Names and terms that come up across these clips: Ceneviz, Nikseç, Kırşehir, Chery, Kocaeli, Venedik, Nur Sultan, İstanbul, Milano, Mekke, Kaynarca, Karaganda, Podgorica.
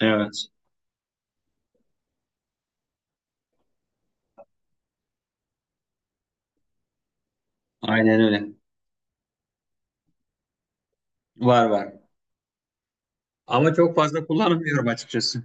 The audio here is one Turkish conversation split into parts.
Evet, aynen öyle. Var var. Ama çok fazla kullanmıyorum açıkçası.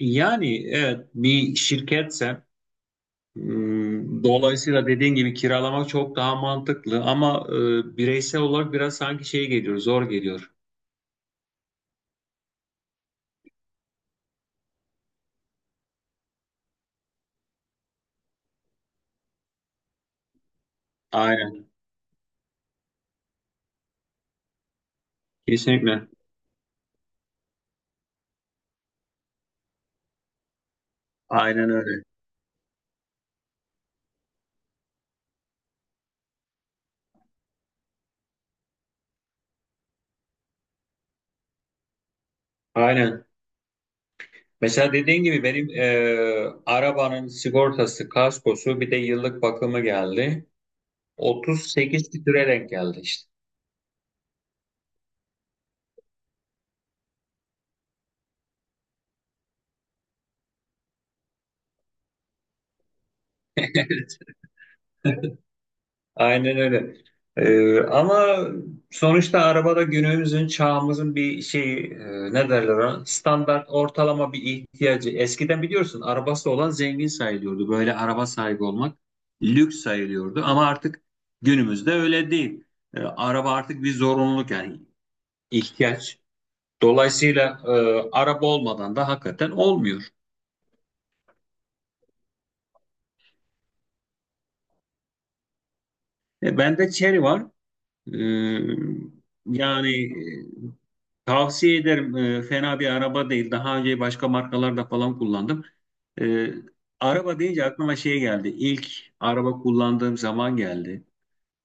Yani evet bir şirketse dolayısıyla dediğin gibi kiralamak çok daha mantıklı ama bireysel olarak biraz sanki şey geliyor, zor geliyor. Aynen, kesinlikle. Aynen öyle. Aynen. Mesela dediğin gibi benim arabanın sigortası, kaskosu bir de yıllık bakımı geldi. 38 litre denk geldi işte. Aynen öyle. Ama sonuçta arabada günümüzün, çağımızın bir şey ne derler ona? Standart ortalama bir ihtiyacı. Eskiden biliyorsun arabası olan zengin sayılıyordu. Böyle araba sahibi olmak lüks sayılıyordu. Ama artık günümüzde öyle değil. Araba artık bir zorunluluk yani ihtiyaç. Dolayısıyla araba olmadan da hakikaten olmuyor. Bende Chery var. Ee, yani e, tavsiye ederim. Fena bir araba değil. Daha önce başka markalarda falan kullandım. Ee, araba deyince aklıma şey geldi. İlk araba kullandığım zaman geldi.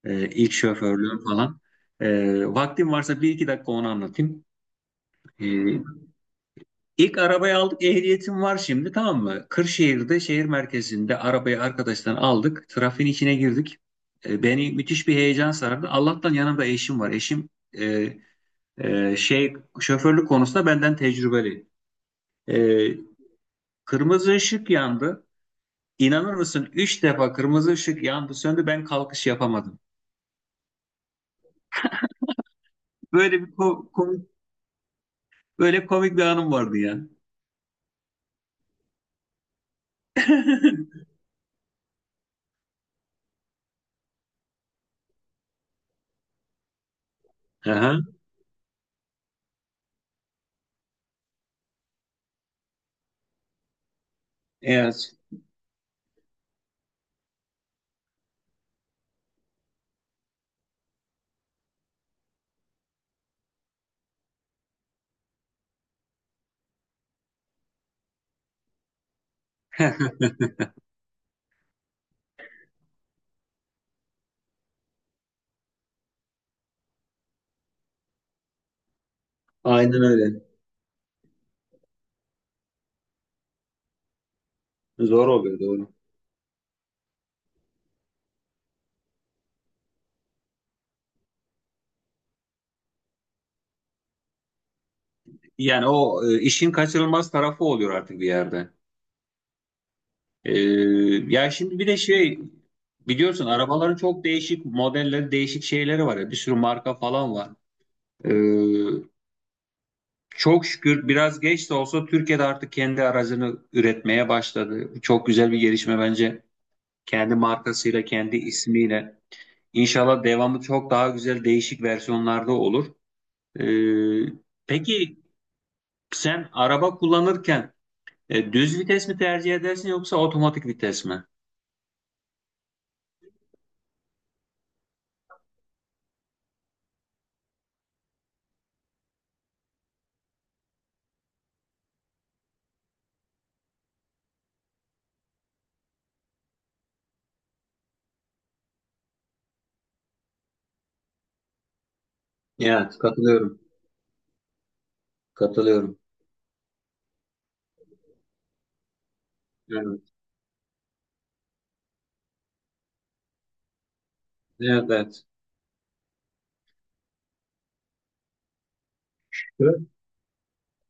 İlk şoförlüğüm falan. Vaktim varsa bir iki dakika onu anlatayım. Ee, ilk arabayı aldık. Ehliyetim var şimdi tamam mı? Kırşehir'de şehir merkezinde arabayı arkadaştan aldık. Trafiğin içine girdik. Beni müthiş bir heyecan sardı. Allah'tan yanımda eşim var. Eşim e, şey şoförlük konusunda benden tecrübeli. Ee, kırmızı ışık yandı. İnanır mısın? Üç defa kırmızı ışık yandı, söndü. Ben kalkış yapamadım. Böyle bir komik, böyle komik bir anım vardı ya. Aha, evet. Aynen öyle. Zor oluyor doğru. Yani o işin kaçınılmaz tarafı oluyor artık bir yerde. Ee, ya şimdi bir de şey biliyorsun arabaların çok değişik modelleri, değişik şeyleri var ya. Bir sürü marka falan var. Ee, Çok şükür biraz geç de olsa Türkiye'de artık kendi aracını üretmeye başladı. Çok güzel bir gelişme bence. Kendi markasıyla, kendi ismiyle. İnşallah devamı çok daha güzel değişik versiyonlarda olur. Ee, peki sen araba kullanırken düz vites mi tercih edersin yoksa otomatik vites mi? Evet, katılıyorum. Katılıyorum. Evet, evet, evet.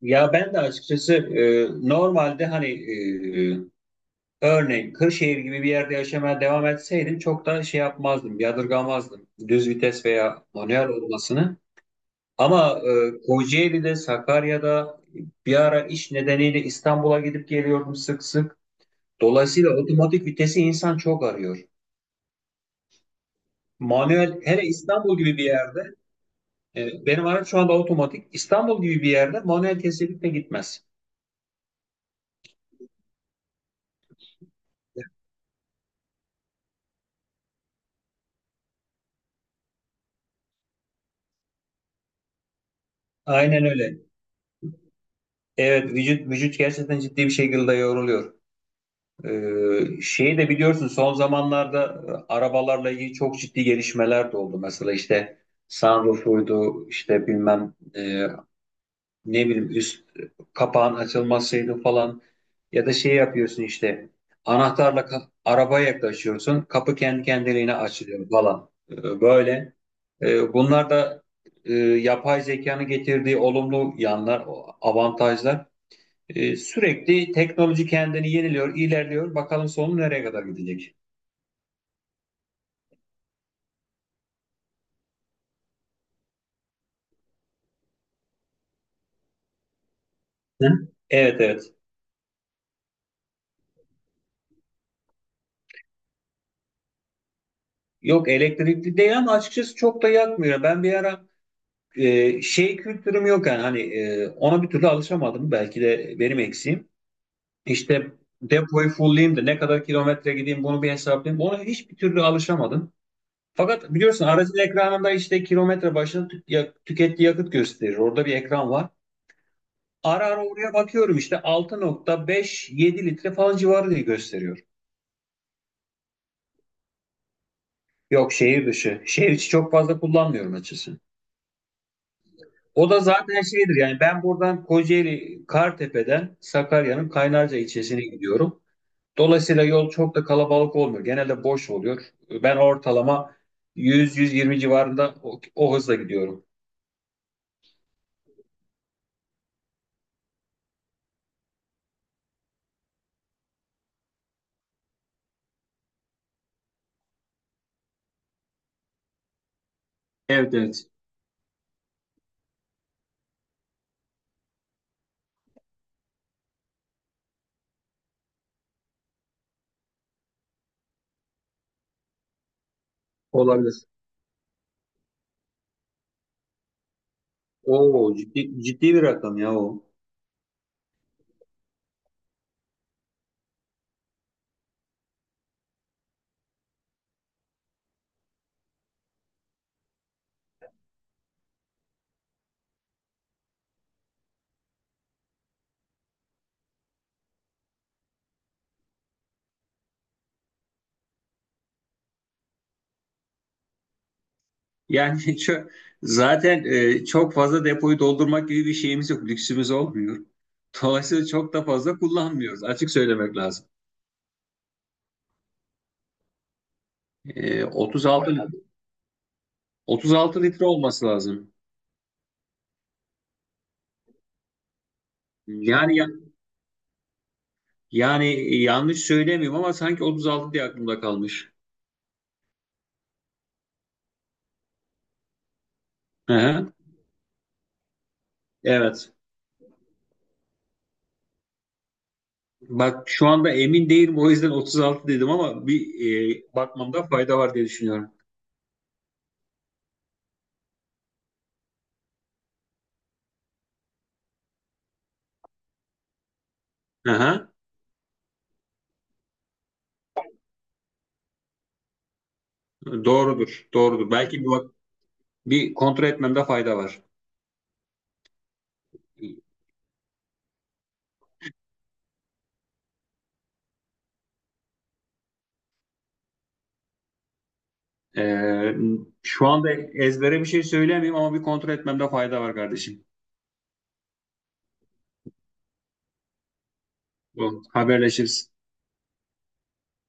Ya ben de açıkçası normalde hani örneğin Kırşehir gibi bir yerde yaşamaya devam etseydim çok da şey yapmazdım, yadırgamazdım düz vites veya manuel olmasını. Ama Kocaeli'de, Sakarya'da bir ara iş nedeniyle İstanbul'a gidip geliyordum sık sık. Dolayısıyla otomatik vitesi insan çok arıyor. Manuel, hele İstanbul gibi bir yerde, benim araç şu anda otomatik. İstanbul gibi bir yerde manuel kesinlikle gitmez. Aynen öyle. Evet, vücut vücut gerçekten ciddi bir şekilde yoruluyor. Şeyi de biliyorsun son zamanlarda arabalarla ilgili çok ciddi gelişmeler de oldu. Mesela işte sunroofuydu işte bilmem ne bileyim üst kapağın açılmasıydı falan. Ya da şey yapıyorsun işte anahtarla arabaya yaklaşıyorsun kapı kendi kendiliğine açılıyor falan. Böyle. Bunlar da yapay zekanın getirdiği olumlu yanlar, avantajlar. Sürekli teknoloji kendini yeniliyor, ilerliyor. Bakalım sonu nereye kadar gidecek? Hı? Evet, evet. Yok elektrikli değil ama açıkçası çok da yakmıyor. Ben bir ara şey kültürüm yok yani hani ona bir türlü alışamadım. Belki de benim eksiğim. İşte depoyu fullleyeyim de ne kadar kilometre gideyim bunu bir hesaplayayım. Ona hiçbir türlü alışamadım. Fakat biliyorsun aracın ekranında işte kilometre başına tükettiği yakıt gösterir. Orada bir ekran var. Ara ara oraya bakıyorum işte 6,57 litre falan civarı diye gösteriyor. Yok şehir dışı. Şehir içi çok fazla kullanmıyorum açıkçası. O da zaten şeydir yani ben buradan Kocaeli Kartepe'den Sakarya'nın Kaynarca ilçesine gidiyorum. Dolayısıyla yol çok da kalabalık olmuyor. Genelde boş oluyor. Ben ortalama 100-120 civarında o hızla gidiyorum. Evet, evet, olabilir. Oo ciddi, ciddi bir rakam ya o. Yani zaten çok fazla depoyu doldurmak gibi bir şeyimiz yok, lüksümüz olmuyor. Dolayısıyla çok da fazla kullanmıyoruz. Açık söylemek lazım. 36 36 litre olması lazım. Yani ya- yani yanlış söylemiyorum ama sanki 36 diye aklımda kalmış. Hı hı. Evet. Bak şu anda emin değilim o yüzden 36 dedim ama bir bakmamda fayda var diye düşünüyorum. Hı hı. Doğrudur, doğrudur. Belki bir kontrol etmemde fayda var. Ee, şu anda ezbere bir şey söylemiyorum ama bir kontrol etmemde fayda var kardeşim. Bu haberleşiriz.